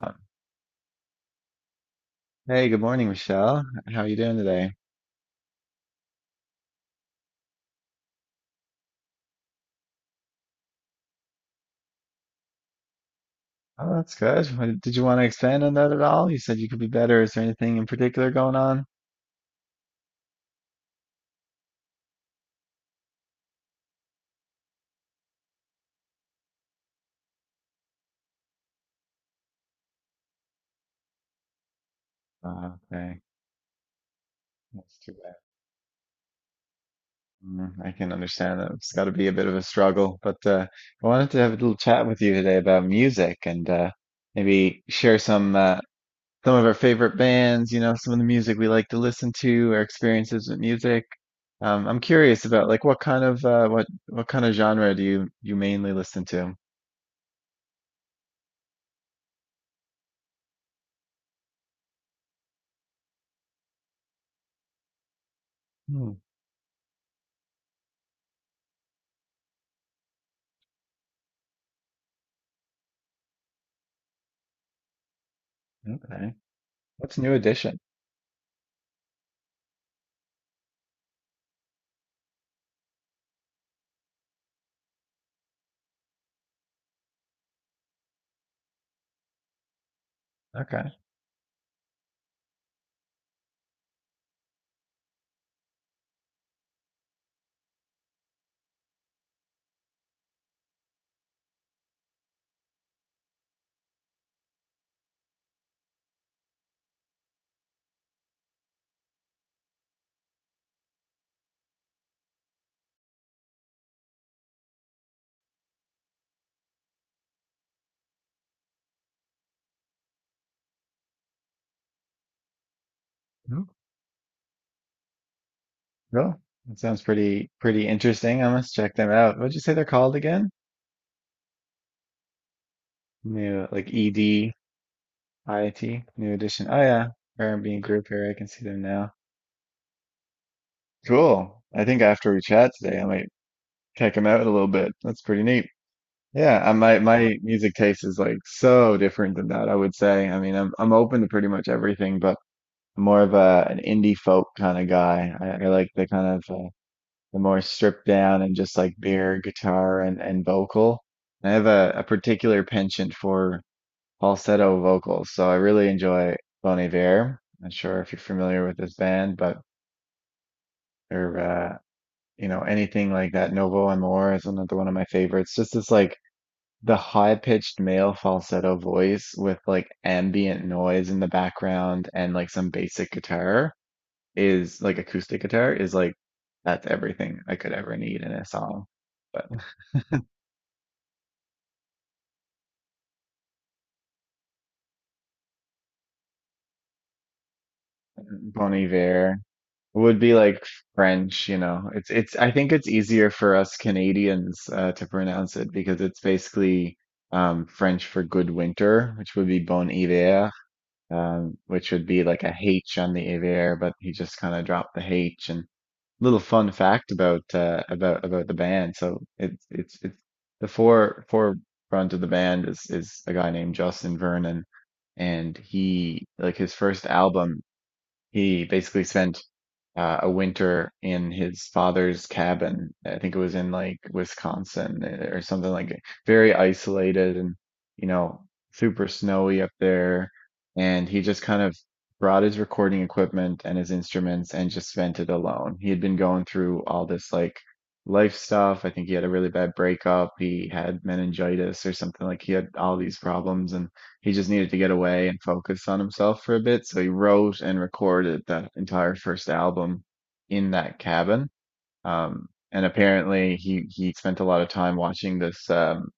Uh, Hey, good morning, Michelle. How are you doing today? Oh, that's good. What- Did you want to expand on that at all? You said you could be better. Is there anything in particular going on? Okay, that's too bad. Mm, I can understand that. It's got to be a bit of a struggle, but I wanted to have a little chat with you today about music and maybe share some some of our favorite bands. You know, some of the music we like to listen to, our experiences with music. I'm curious about like what kind of what kind of genre do you mainly listen to? Okay. What's New Edition? Okay. Hmm? Cool. That sounds pretty interesting. I must check them out. What'd you say they're called again? New like E D I T, New Edition. Oh yeah. R&B group here. I can see them now. Cool. I think after we chat today, I might check them out a little bit. That's pretty neat. Yeah, my my music taste is like so different than that, I would say. I mean, I'm open to pretty much everything, but I'm more of a an indie folk kind of guy. I like the kind of the more stripped down and just like bare guitar and vocal. I have a particular penchant for falsetto vocals, so I really enjoy Bon Iver. Not sure if you're familiar with this band, but or you know anything like that. Novo Amor is another one of my favorites. Just this like the high-pitched male falsetto voice with like ambient noise in the background and like some basic guitar is like acoustic guitar is like that's everything I could ever need in a song. But Bon Iver would be like French, you know. It's I think it's easier for us Canadians to pronounce it because it's basically French for good winter, which would be Bon Hiver, which would be like a H on the Iver, but he just kind of dropped the H. And little fun fact about about the band. So it's the four four front of the band is a guy named Justin Vernon, and he like his first album he basically spent a winter in his father's cabin. I think it was in like Wisconsin eh, or something like very isolated and, you know, super snowy up there. And he just kind of brought his recording equipment and his instruments and just spent it alone. He had been going through all this like life stuff. I think he had a really bad breakup. He had meningitis or something like he had all these problems and he just needed to get away and focus on himself for a bit. So he wrote and recorded that entire first album in that cabin. And apparently he spent a lot of time watching this,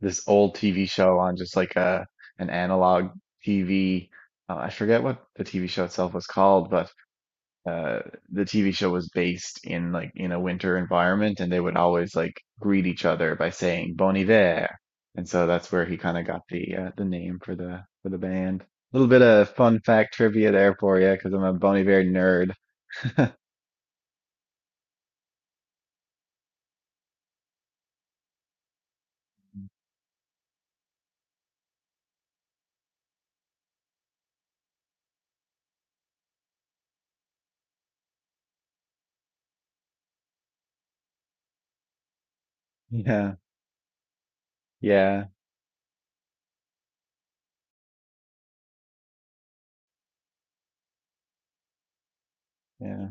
this old TV show on just like an analog TV. I forget what the TV show itself was called, but uh the TV show was based in like in a winter environment and they would always like greet each other by saying Bon Iver. And so that's where he kind of got the name for the band. A little bit of fun fact trivia there for you because I'm a Bon Iver nerd. Yeah, yeah, yeah.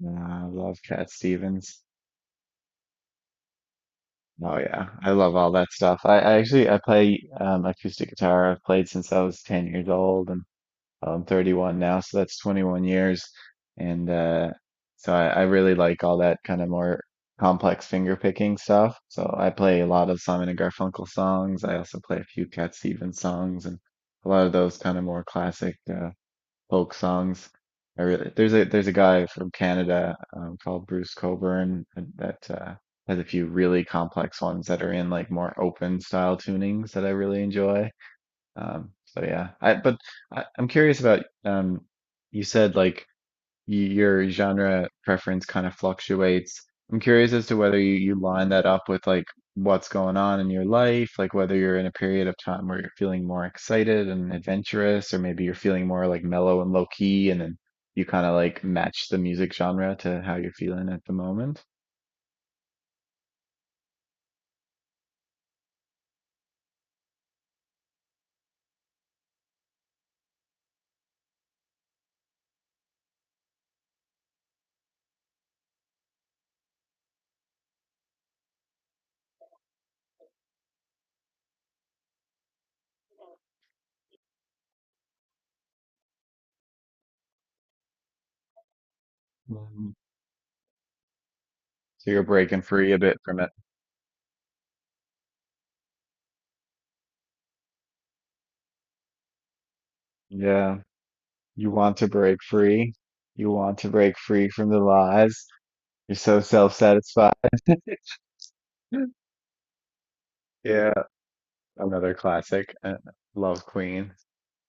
Nah, I love Cat Stevens. Oh yeah, I love all that stuff. I actually I play acoustic guitar. I've played since I was 10 years old and I'm 31 now, so that's 21 years. And so I really like all that kind of more complex finger picking stuff. So I play a lot of Simon and Garfunkel songs. I also play a few Cat Stevens songs and a lot of those kind of more classic folk songs. I really There's a guy from Canada called Bruce Coburn that has a few really complex ones that are in like more open style tunings that I really enjoy. Um, so yeah, I but I'm curious about you said like y your genre preference kind of fluctuates. I'm curious as to whether you line that up with like what's going on in your life, like whether you're in a period of time where you're feeling more excited and adventurous, or maybe you're feeling more like mellow and low key, and then you kind of like match the music genre to how you're feeling at the moment. Mm. So you're breaking free a bit from it. Yeah. You want to break free. You want to break free from the lies. You're so self-satisfied. Yeah, another classic. Love Queen.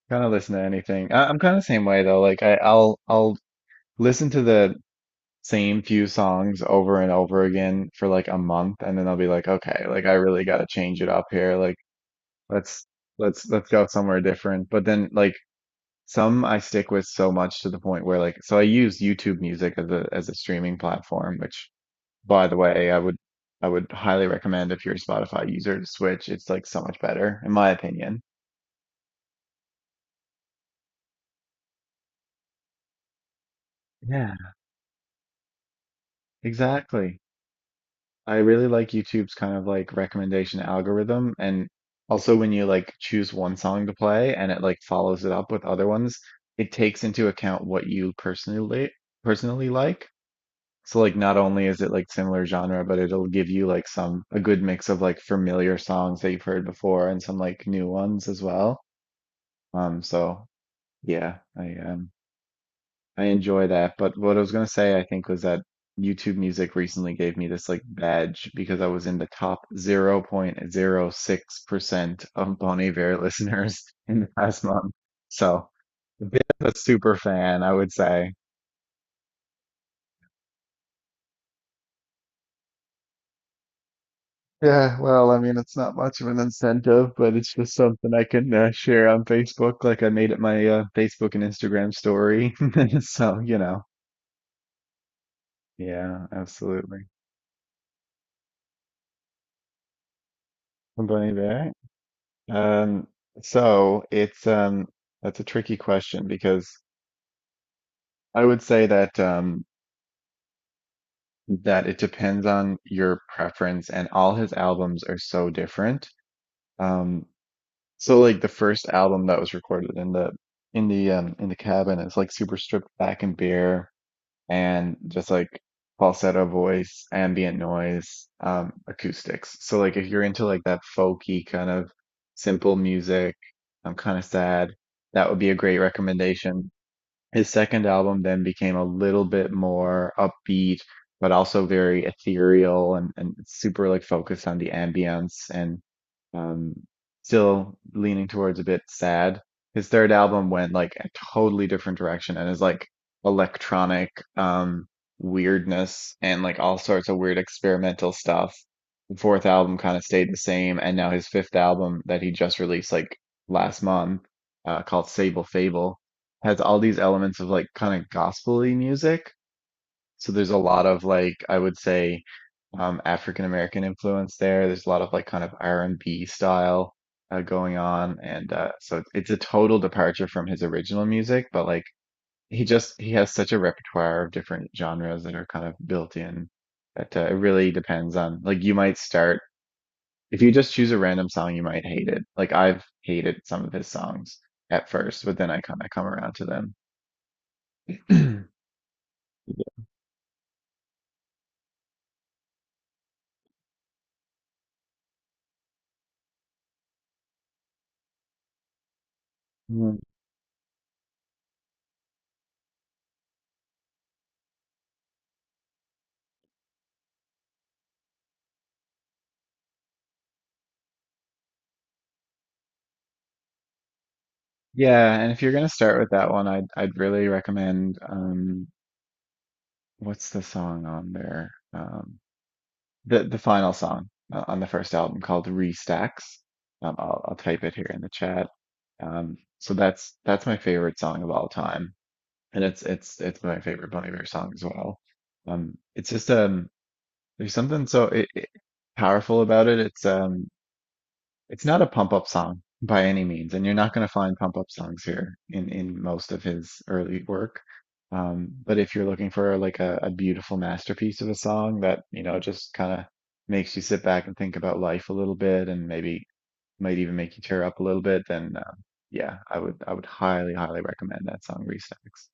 Kind of listen to anything. I'm kind of same way though. Like I'll listen to the same few songs over and over again for like a month, and then I'll be like, okay, like I really got to change it up here. Like let's let's go somewhere different. But then like some I stick with so much to the point where like so I use YouTube Music as a streaming platform, which by the way, I would highly recommend if you're a Spotify user to switch. It's like so much better, in my opinion. Yeah. Exactly. I really like YouTube's kind of like recommendation algorithm and also when you like choose one song to play and it like follows it up with other ones, it takes into account what you personally personally like. So like not only is it like similar genre, but it'll give you like some a good mix of like familiar songs that you've heard before and some like new ones as well. Um, so yeah, I um I enjoy that. But what I was gonna say, I think, was that YouTube Music recently gave me this like badge because I was in the top 0.06% of Bon Iver listeners in the past month. So a bit of a super fan, I would say. Yeah, well, I mean, it's not much of an incentive, but it's just something I can share on Facebook. Like I made it my Facebook and Instagram story. So, you know, yeah, absolutely. Somebody Bear. Um, so it's That's a tricky question because I would say that that it depends on your preference and all his albums are so different. Um, so like the first album that was recorded in the cabin is like super stripped back and bare and just like falsetto voice, ambient noise, acoustics. So like if you're into like that folky kind of simple music, I'm kind of sad, that would be a great recommendation. His second album then became a little bit more upbeat, but also very ethereal and super like focused on the ambience and um, still leaning towards a bit sad. His third album went like a totally different direction and is like electronic um, weirdness and like all sorts of weird experimental stuff. The fourth album kind of stayed the same, and now his fifth album that he just released like last month, called Sable Fable has all these elements of like kind of gospely music. So there's a lot of like I would say African American influence there. There's a lot of like kind of R&B style going on, and so it's a total departure from his original music. But like he just he has such a repertoire of different genres that are kind of built in that it really depends on like you might start if you just choose a random song you might hate it. Like I've hated some of his songs at first, but then I kind of come around to them. Yeah, and if you're gonna start with that one, I'd really recommend what's the song on there? The final song on the first album called Restacks. I'll type it here in the chat. So that's my favorite song of all time. And it's my favorite Bon Iver song as well. It's just there's something so powerful about it. It's not a pump up song by any means, and you're not going to find pump up songs here in most of his early work. But if you're looking for like a beautiful masterpiece of a song that, you know, just kind of makes you sit back and think about life a little bit and maybe might even make you tear up a little bit, then yeah, I would highly, highly recommend that song Restacks.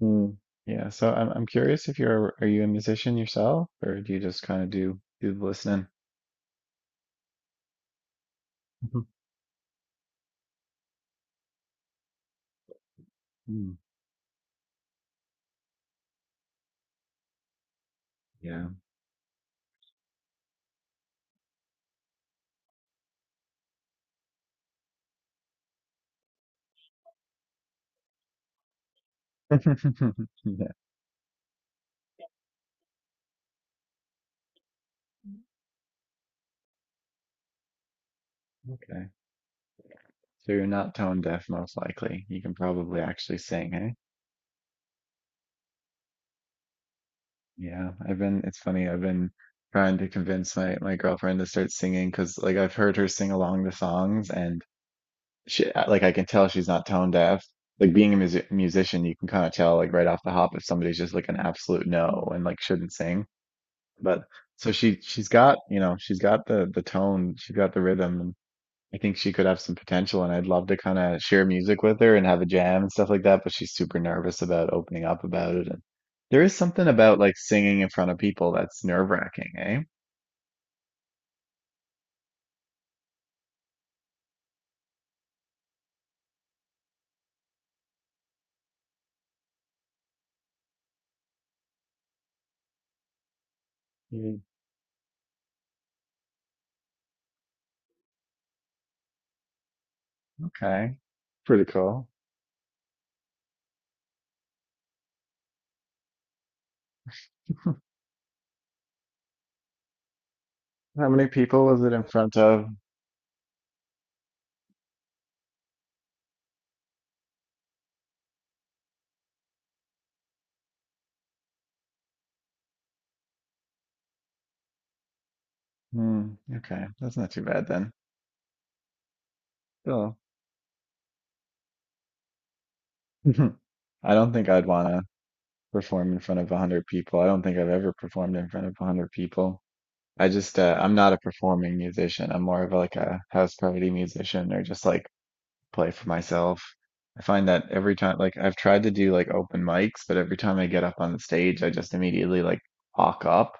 Hmm. Yeah, so I'm curious if you're are you a musician yourself or do you just kind of do the listening? Hmm. Yeah. Okay. So you're not tone deaf, most likely. You can probably actually sing, eh? Yeah. I've been, it's funny, I've been trying to convince my girlfriend to start singing because like I've heard her sing along the songs and she like I can tell she's not tone deaf. Like being a musician, you can kind of tell like right off the hop if somebody's just like an absolute no and like shouldn't sing. But so she's got, you know, she's got the tone, she's got the rhythm. I think she could have some potential, and I'd love to kind of share music with her and have a jam and stuff like that, but she's super nervous about opening up about it. And there is something about like singing in front of people that's nerve-wracking, eh? Mm. Okay. Pretty cool. How many people was it in front of? Hmm, okay, that's not too bad then. Still, I don't think I'd want to perform in front of 100 people. I don't think I've ever performed in front of 100 people. I just I'm not a performing musician. I'm more of like a house party musician or just like play for myself. I find that every time like I've tried to do like open mics, but every time I get up on the stage, I just immediately like hawk up,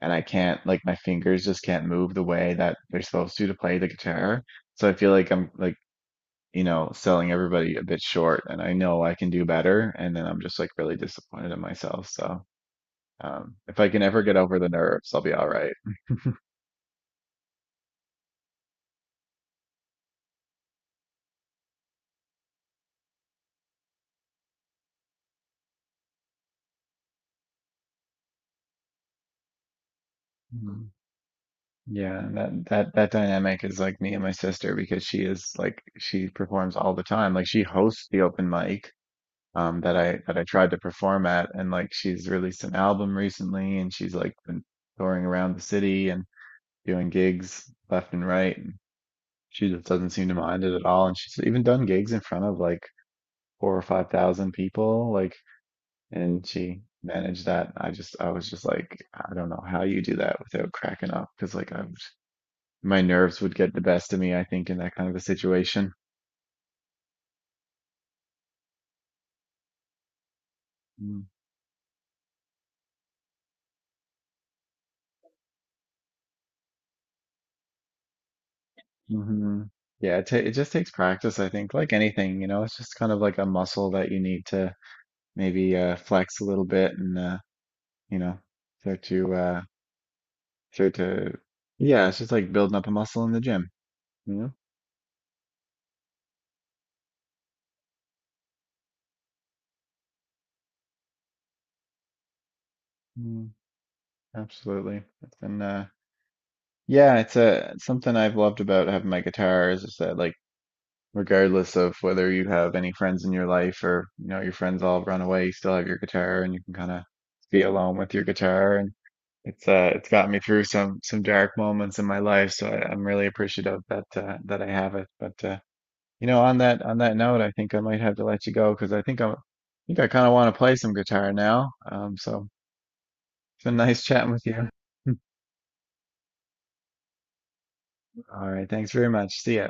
and I can't like my fingers just can't move the way that they're supposed to play the guitar. So I feel like I'm like, you know, selling everybody a bit short, and I know I can do better and then I'm just like really disappointed in myself. So if I can ever get over the nerves, I'll be all right. Yeah, that dynamic is like me and my sister because she is like she performs all the time. Like she hosts the open mic that I tried to perform at, and like she's released an album recently and she's like been touring around the city and doing gigs left and right, and she just doesn't seem to mind it at all, and she's even done gigs in front of like 4 or 5 thousand people like and she managed that. I was just like I don't know how you do that without cracking up because like I was, my nerves would get the best of me, I think, in that kind of a situation. Mm-hmm. Yeah, it just takes practice, I think, like anything, you know, it's just kind of like a muscle that you need to maybe flex a little bit and, you know, start to, uh, start to, yeah, it's just like building up a muscle in the gym, you know? Mm, absolutely. And uh, yeah, it's a, something I've loved about having my guitar is just that, like, regardless of whether you have any friends in your life, or you know your friends all run away, you still have your guitar and you can kind of be alone with your guitar. And it's gotten me through some dark moments in my life, so I'm really appreciative that that I have it. But you know, on that note, I think I might have to let you go because I think I'm I think I kind of want to play some guitar now so it's been nice chatting with you. All right, thanks very much, see ya.